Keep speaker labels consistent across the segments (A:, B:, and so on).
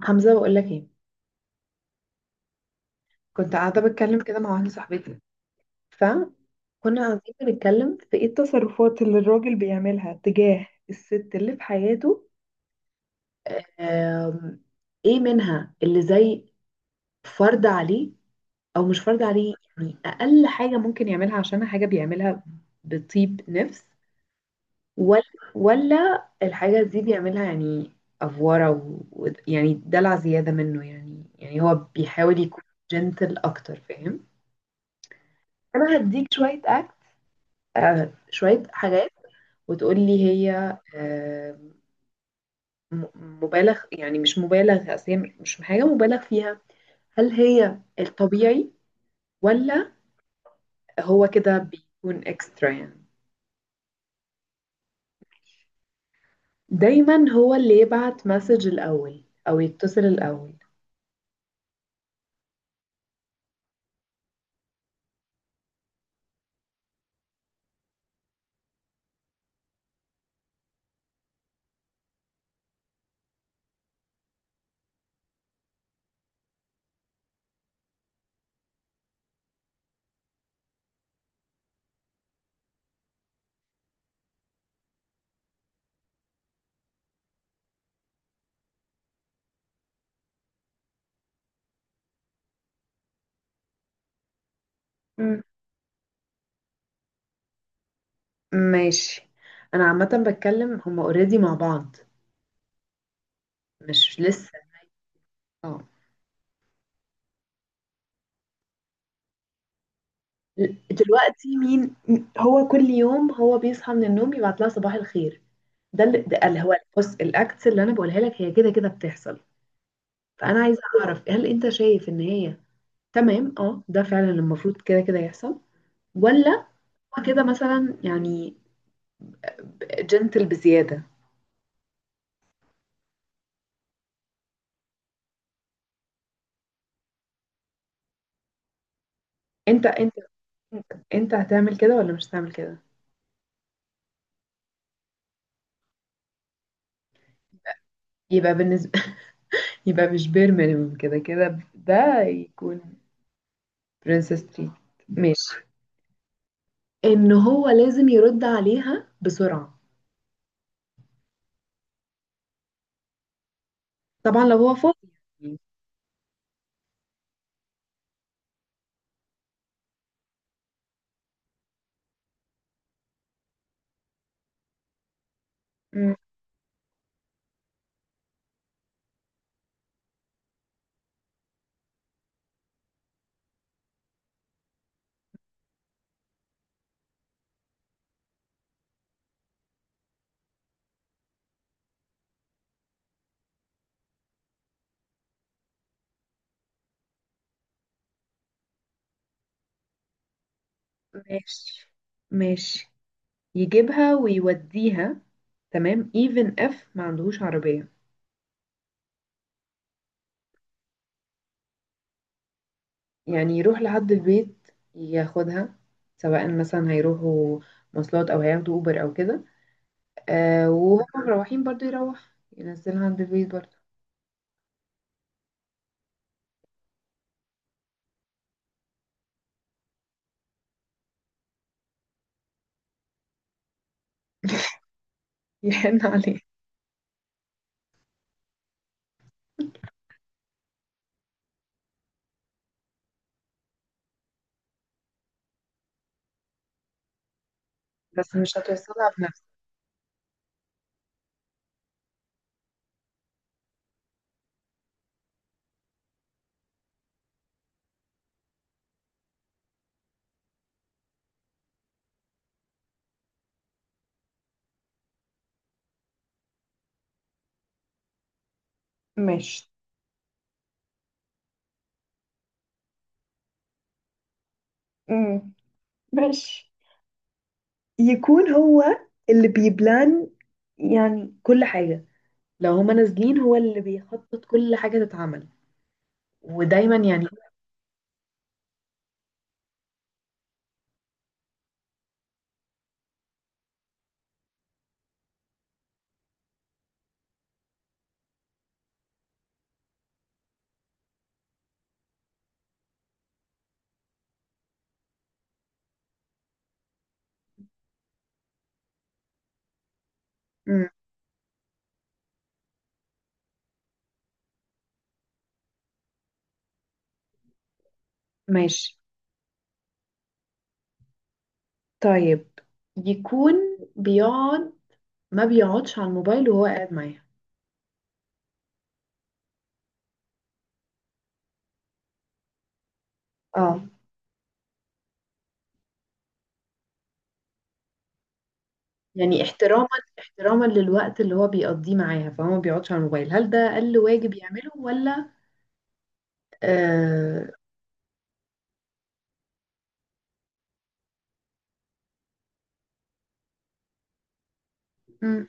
A: حمزة، بقول لك ايه. كنت قاعدة بتكلم كده مع واحدة صاحبتي، فكنا قاعدين بنتكلم في ايه التصرفات اللي الراجل بيعملها تجاه الست اللي في حياته. آم، ايه منها اللي زي فرض عليه او مش فرض عليه، يعني اقل حاجة ممكن يعملها، عشان حاجة بيعملها بطيب نفس ولا ولا الحاجة دي بيعملها يعني افورة، يعني دلع زيادة منه، يعني هو بيحاول يكون جنتل اكتر، فاهم؟ انا هديك شويه اكل. آه، شويه حاجات وتقولي هي. آه. م- مبالغ، يعني مش مبالغ، اصل هي مش حاجه مبالغ فيها. هل هي الطبيعي، ولا هو كده بيكون اكسترا يعني؟ دايما هو اللي يبعت مسج الاول او يتصل الاول. مم. ماشي. انا عامه بتكلم هما اوريدي مع بعض، مش لسه. اه، دلوقتي مين؟ هو كل يوم هو بيصحى من النوم يبعت لها صباح الخير. ده اللي هو بص، الاكتس اللي انا بقولها لك هي كده كده بتحصل. فانا عايزه اعرف، هل انت شايف ان هي تمام؟ اه، ده فعلا المفروض كده كده يحصل، ولا هو كده مثلا يعني جنتل بزياده؟ انت انت انت هتعمل كده ولا مش هتعمل كده؟ يبقى بالنسبه، يبقى مش بير مينيمم، كده كده ده يكون برنسس تريت. ماشي. ان هو لازم يرد عليها بسرعه، طبعا لو هو فاضي. مم. ماشي ماشي. يجيبها ويوديها، تمام even if ما عندهوش عربية. يعني يروح لحد البيت ياخدها، سواء مثلا هيروحوا مواصلات او هياخدوا اوبر او كده. آه، وهم مروحين برضو يروح ينزلها عند البيت برضو. يحن عليه. بس مش هتوصلها بنفسه. ماشي. امم. ماشي. يكون هو اللي بيبلان، يعني كل حاجة. لو هما نازلين هو اللي بيخطط كل حاجة تتعمل، ودايما يعني. مم. ماشي. طيب، يكون بيقعد، ما بيقعدش على الموبايل وهو قاعد معاها. اه، يعني احتراما، احتراما للوقت اللي هو بيقضيه معاها، فهو ما بيقعدش على الموبايل. هل ده أقل واجب يعمله ولا؟ آه م-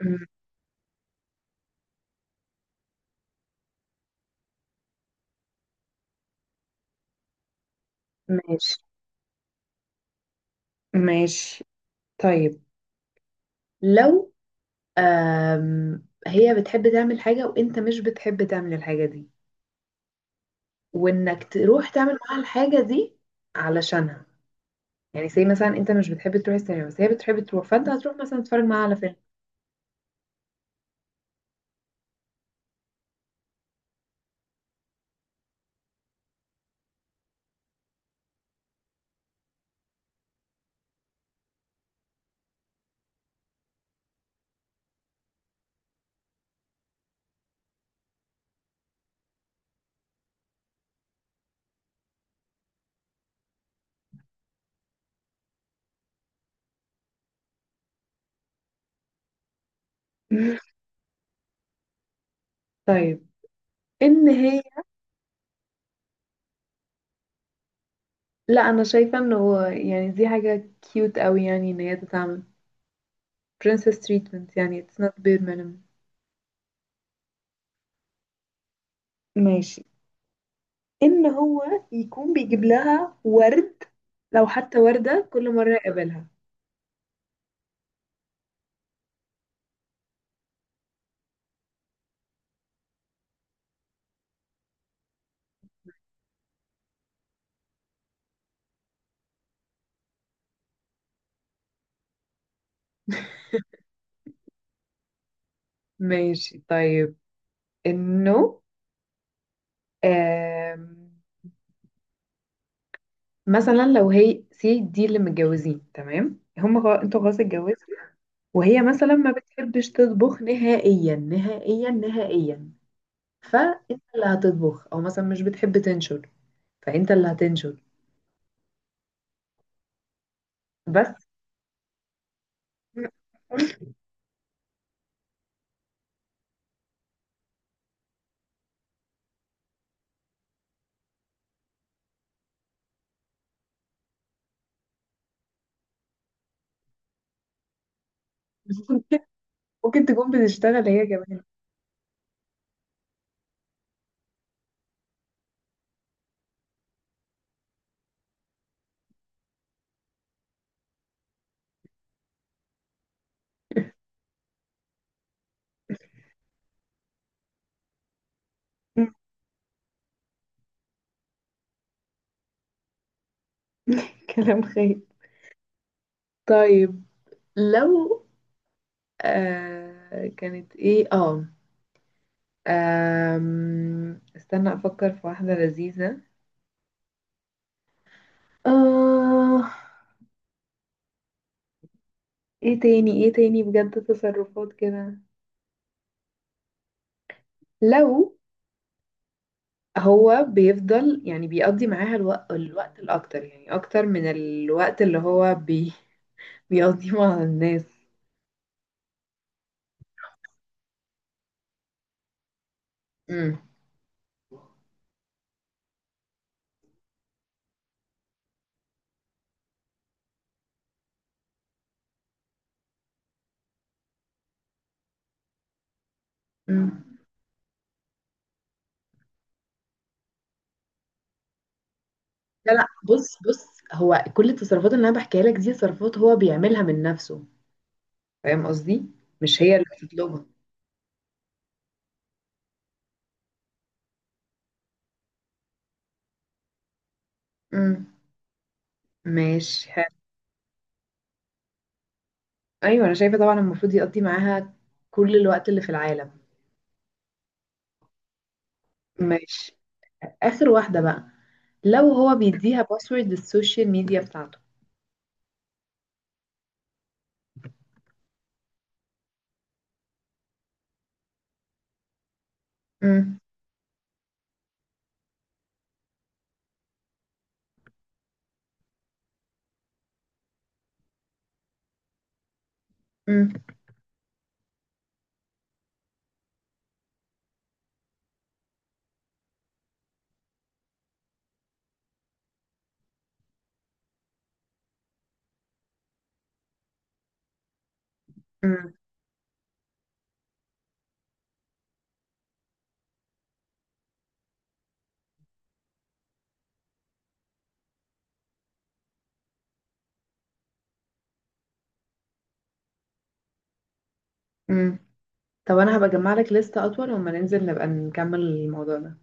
A: م- ماشي ماشي. طيب، لو هي بتحب تعمل حاجة وانت مش بتحب تعمل الحاجة دي، وانك تروح تعمل معاها الحاجة دي علشانها. يعني زي مثلا انت مش بتحب تروح السينما، بس هي بتحب تروح، فانت هتروح مثلا تتفرج معاها على فيلم. طيب، ان هي. لا، انا شايفه انه هو، يعني دي حاجه كيوت قوي، يعني ان هي تتعمل princess treatment. يعني it's not bare minimum. ماشي. ان هو يكون بيجيب لها ورد، لو حتى وردة كل مرة يقابلها. ماشي. طيب، انه آم، مثلا لو هي سي دي اللي متجوزين، تمام، هم خلاص انتوا خلاص اتجوزتوا، وهي مثلا ما بتحبش تطبخ نهائيا نهائيا نهائيا، فانت اللي هتطبخ، او مثلا مش بتحب تنشر، فانت اللي هتنشر بس. ممكن تكون بتشتغل هي كمان. كلام خير. طيب، لو كانت ايه، استنى افكر في واحدة لذيذة. آه، ايه تاني؟ ايه تاني بجد تصرفات كده؟ لو هو بيفضل يعني بيقضي معاها الوقت الاكتر، يعني اكتر من الوقت اللي هو بيقضيهم على الناس. امم. امم. لا لا، بص بص، هو كل التصرفات اللي انا بحكيها لك دي تصرفات هو بيعملها من نفسه، فاهم قصدي؟ مش هي اللي بتطلبها. امم. ماشي حلو. ايوه، انا شايفه طبعا المفروض يقضي معاها كل الوقت اللي في العالم. ماشي. اخر واحده بقى. لو هو بيديها باسورد السوشيال ميديا بتاعته. امم. امم. امم. امم. طب انا هبقى اجمع لك لستة اطول، وما ننزل نبقى نكمل الموضوع ده